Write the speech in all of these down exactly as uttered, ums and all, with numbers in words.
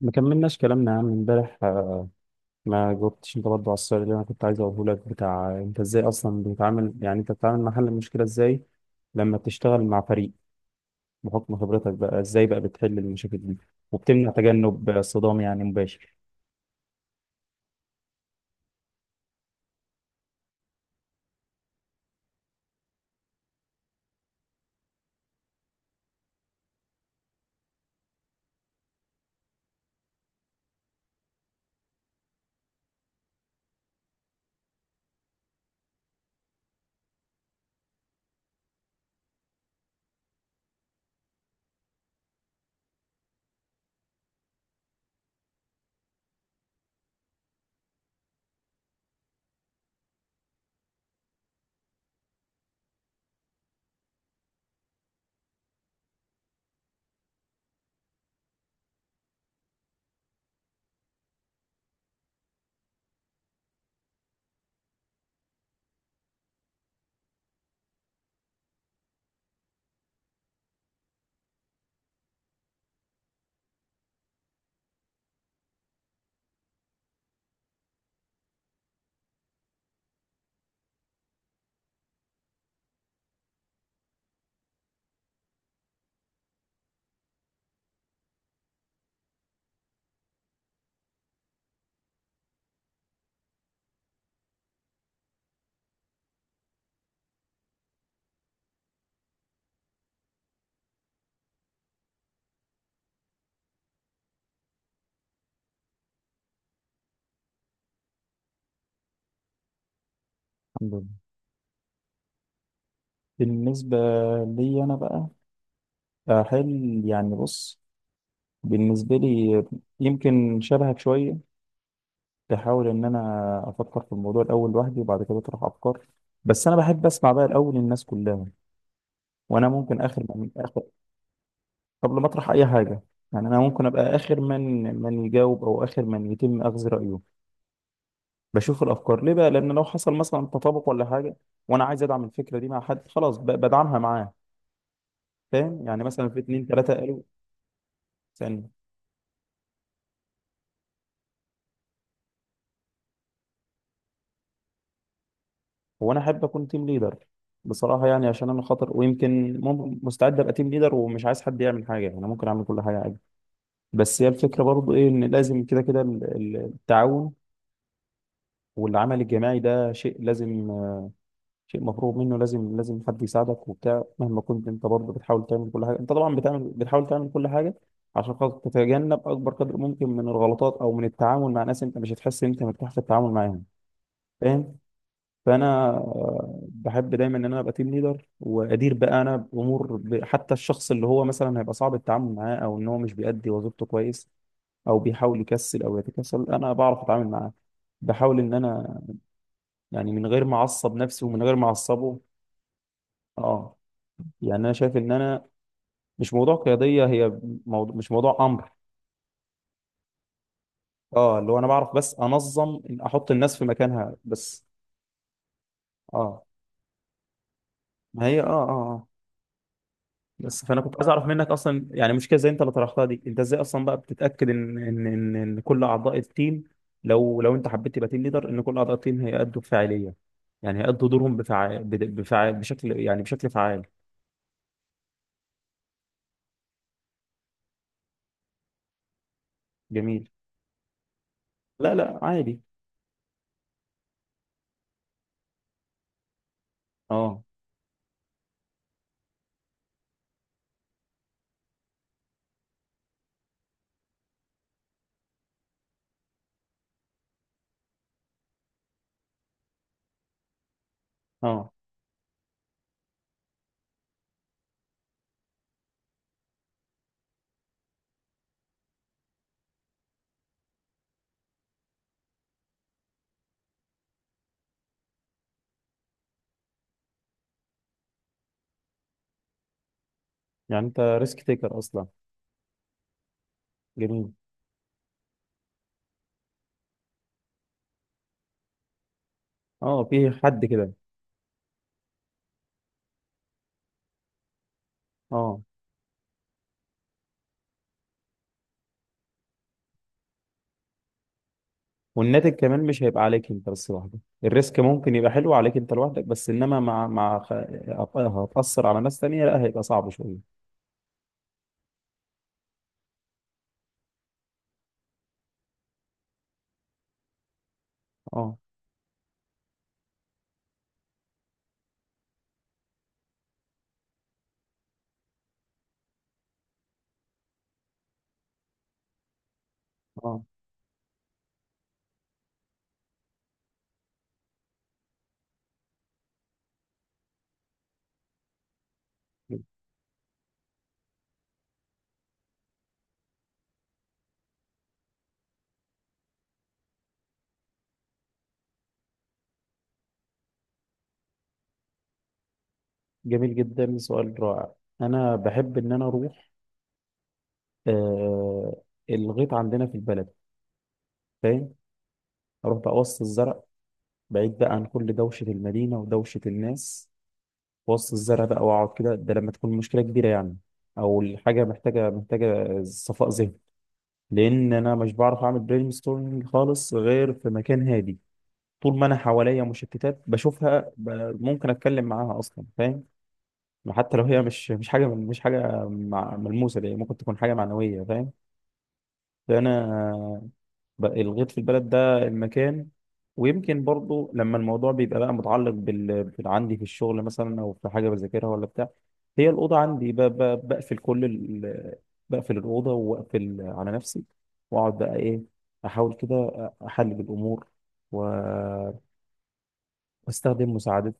ما كملناش كلامنا يا عم امبارح آه، ما جاوبتش انت برضه على السؤال اللي انا كنت عايز اقوله لك بتاع انت ازاي اصلا بتتعامل، يعني انت بتتعامل مع حل المشكله ازاي لما بتشتغل مع فريق، بحكم خبرتك بقى ازاي بقى بتحل المشاكل دي وبتمنع تجنب صدام يعني مباشر؟ الحمد لله. بالنسبة لي أنا بقى أحل، يعني بص، بالنسبة لي يمكن شبهك شوية، بحاول إن أنا أفكر في الموضوع الأول لوحدي وبعد كده أطرح أفكار. بس أنا بحب أسمع بقى الأول الناس كلها، وانا ممكن اخر من اخر قبل ما اطرح اي حاجه. يعني انا ممكن ابقى اخر من من يجاوب او اخر من يتم اخذ رايه. بشوف الافكار ليه بقى لان لو حصل مثلا تطابق ولا حاجه وانا عايز ادعم الفكره دي مع حد، خلاص ب- بدعمها معاه. فاهم؟ يعني مثلا في اتنين تلاته قالوا، ثانيه. هو انا احب اكون تيم ليدر بصراحه، يعني عشان انا خاطر ويمكن مم- مستعد ابقى تيم ليدر ومش عايز حد يعمل حاجه، يعني انا ممكن اعمل كل حاجه عادي. بس هي الفكره برضو ايه، ان لازم كده كده ال- ال- التعاون والعمل الجماعي، ده شيء لازم، شيء مفروغ منه، لازم لازم حد يساعدك وبتاع، مهما كنت انت برضه بتحاول تعمل كل حاجه، انت طبعا بتعمل بتحاول تعمل كل حاجه عشان خاطر تتجنب اكبر قدر ممكن من الغلطات او من التعامل مع ناس انت مش هتحس ان انت مرتاح في التعامل معاهم. فاهم؟ فانا آه، بحب دايما ان انا ابقى تيم ليدر وادير بقى انا بامور، ب- حتى الشخص اللي هو مثلا هيبقى صعب التعامل معاه او ان هو مش بيأدي وظيفته كويس او بيحاول يكسل او يتكسل، انا بعرف اتعامل معاه. بحاول ان انا يعني من غير ما اعصب نفسي ومن غير ما اعصبه. اه، يعني انا شايف ان انا، مش موضوع قياديه هي، موضوع مش موضوع امر. اه، اللي هو انا بعرف بس انظم إن احط الناس في مكانها بس. اه، ما هي اه اه آه. بس فانا كنت عايز اعرف منك اصلا، يعني مشكله زي انت اللي طرحتها دي، انت ازاي اصلا بقى بتتاكد ان ان ان, إن كل اعضاء التيم، لو لو انت حبيت تبقى تيم ليدر، ان كل اعضاء التيم هيأدوا بفاعليه؟ يعني هيأدوا دورهم بفعال بفعال بشكل، يعني بشكل فعال. جميل. لا لا، عادي. اه اه. يعني انت ريسك تيكر اصلا. جميل. اه، في حد كده. اه، والناتج كمان مش هيبقى عليك انت بس لوحدك، الريسك ممكن يبقى حلو عليك انت لوحدك، بس انما مع مع خ- هتأثر على ناس تانية، لا هيبقى صعب شوية. اه اه. جميل جدا، سؤال رائع. انا بحب ان انا اروح آه الغيط عندنا في البلد. فاهم؟ اروح بقى وسط الزرع، بعيد بقى عن كل دوشة المدينة ودوشة الناس، وسط الزرع بقى واقعد كده. ده لما تكون مشكلة كبيرة يعني، او الحاجة محتاجة محتاجة صفاء ذهني، لان انا مش بعرف اعمل برين ستورمنج خالص غير في مكان هادي. طول ما انا حواليا مشتتات بشوفها، ب- ممكن اتكلم معاها اصلا. فاهم؟ حتى لو هي مش مش حاجه، مش حاجه مع- ملموسه، دي ممكن تكون حاجه معنويه. فاهم؟ فانا بقى الغيط في البلد ده المكان. ويمكن برضو لما الموضوع بيبقى بقى متعلق بال... بال... عندي في الشغل مثلا او في حاجه بذاكرها ولا بتاع، هي الاوضه عندي، ب... ب... بقفل كل ال... بقفل الاوضه واقفل على نفسي واقعد بقى ايه، احاول كده احلل الامور و- واستخدم مساعدات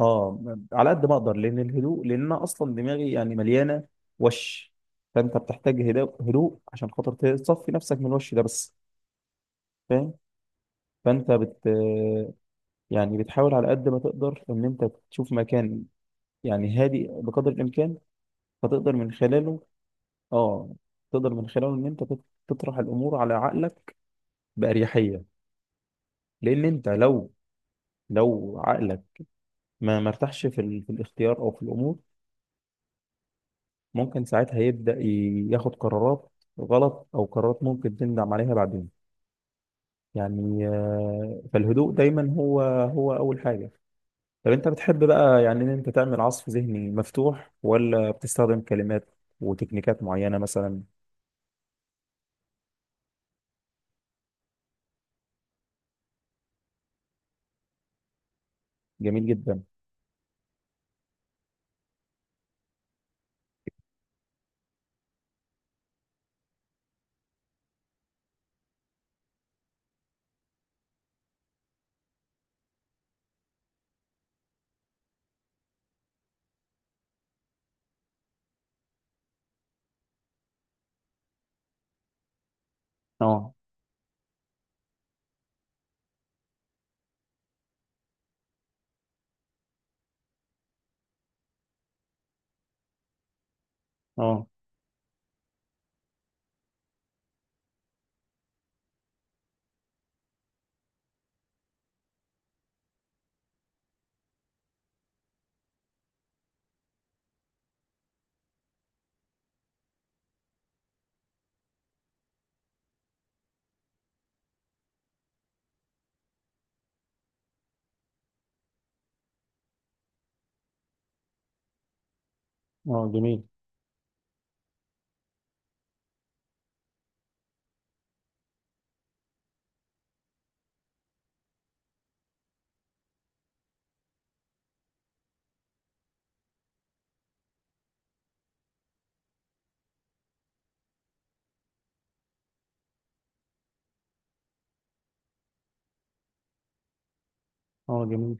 اه، على قد ما اقدر، لان الهدوء، لان انا اصلا دماغي يعني مليانه وش، فانت بتحتاج هدوء، هدوء عشان خاطر تصفي نفسك من الوش ده بس. فاهم؟ فانت بت يعني بتحاول على قد ما تقدر ان انت تشوف مكان، يعني هادي بقدر الامكان، فتقدر من خلاله اه تقدر من خلاله ان انت تط- تطرح الامور على عقلك باريحيه، لان انت لو لو عقلك ما مرتاحش في, ال... في الاختيار او في الامور، ممكن ساعتها يبدا ي- ياخد قرارات غلط او قرارات ممكن تندم عليها بعدين. يعني آه، فالهدوء دايما هو هو اول حاجه. طب انت بتحب بقى يعني ان انت تعمل عصف ذهني مفتوح، ولا بتستخدم كلمات وتكنيكات معينة مثلا؟ جميل جدا. اه اه اه. جميل. اه، جميل.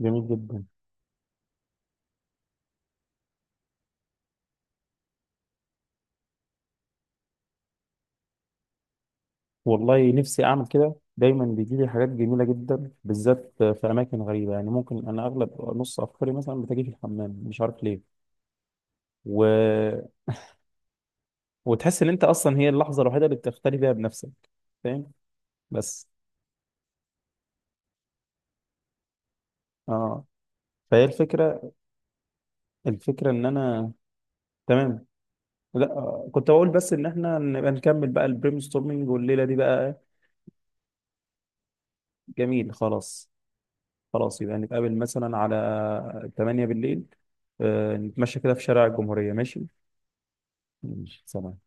جميل جدا. والله نفسي اعمل كده، دايما بيجي لي حاجات جميلة جدا بالذات في اماكن غريبة. يعني ممكن انا اغلب نص افكاري مثلا بتجي في الحمام، مش عارف ليه. و... وتحس ان انت اصلا هي اللحظة الوحيدة اللي بتختلي فيها بنفسك. فاهم؟ بس. اه، فهي الفكرة الفكرة ان انا تمام. لا، كنت بقول بس ان احنا نبقى نكمل بقى البريم ستورمنج والليله دي بقى. جميل، خلاص. خلاص يبقى نتقابل مثلا على تمانية بالليل، آه، نتمشى كده في شارع الجمهوريه. ماشي؟ ماشي، سلام.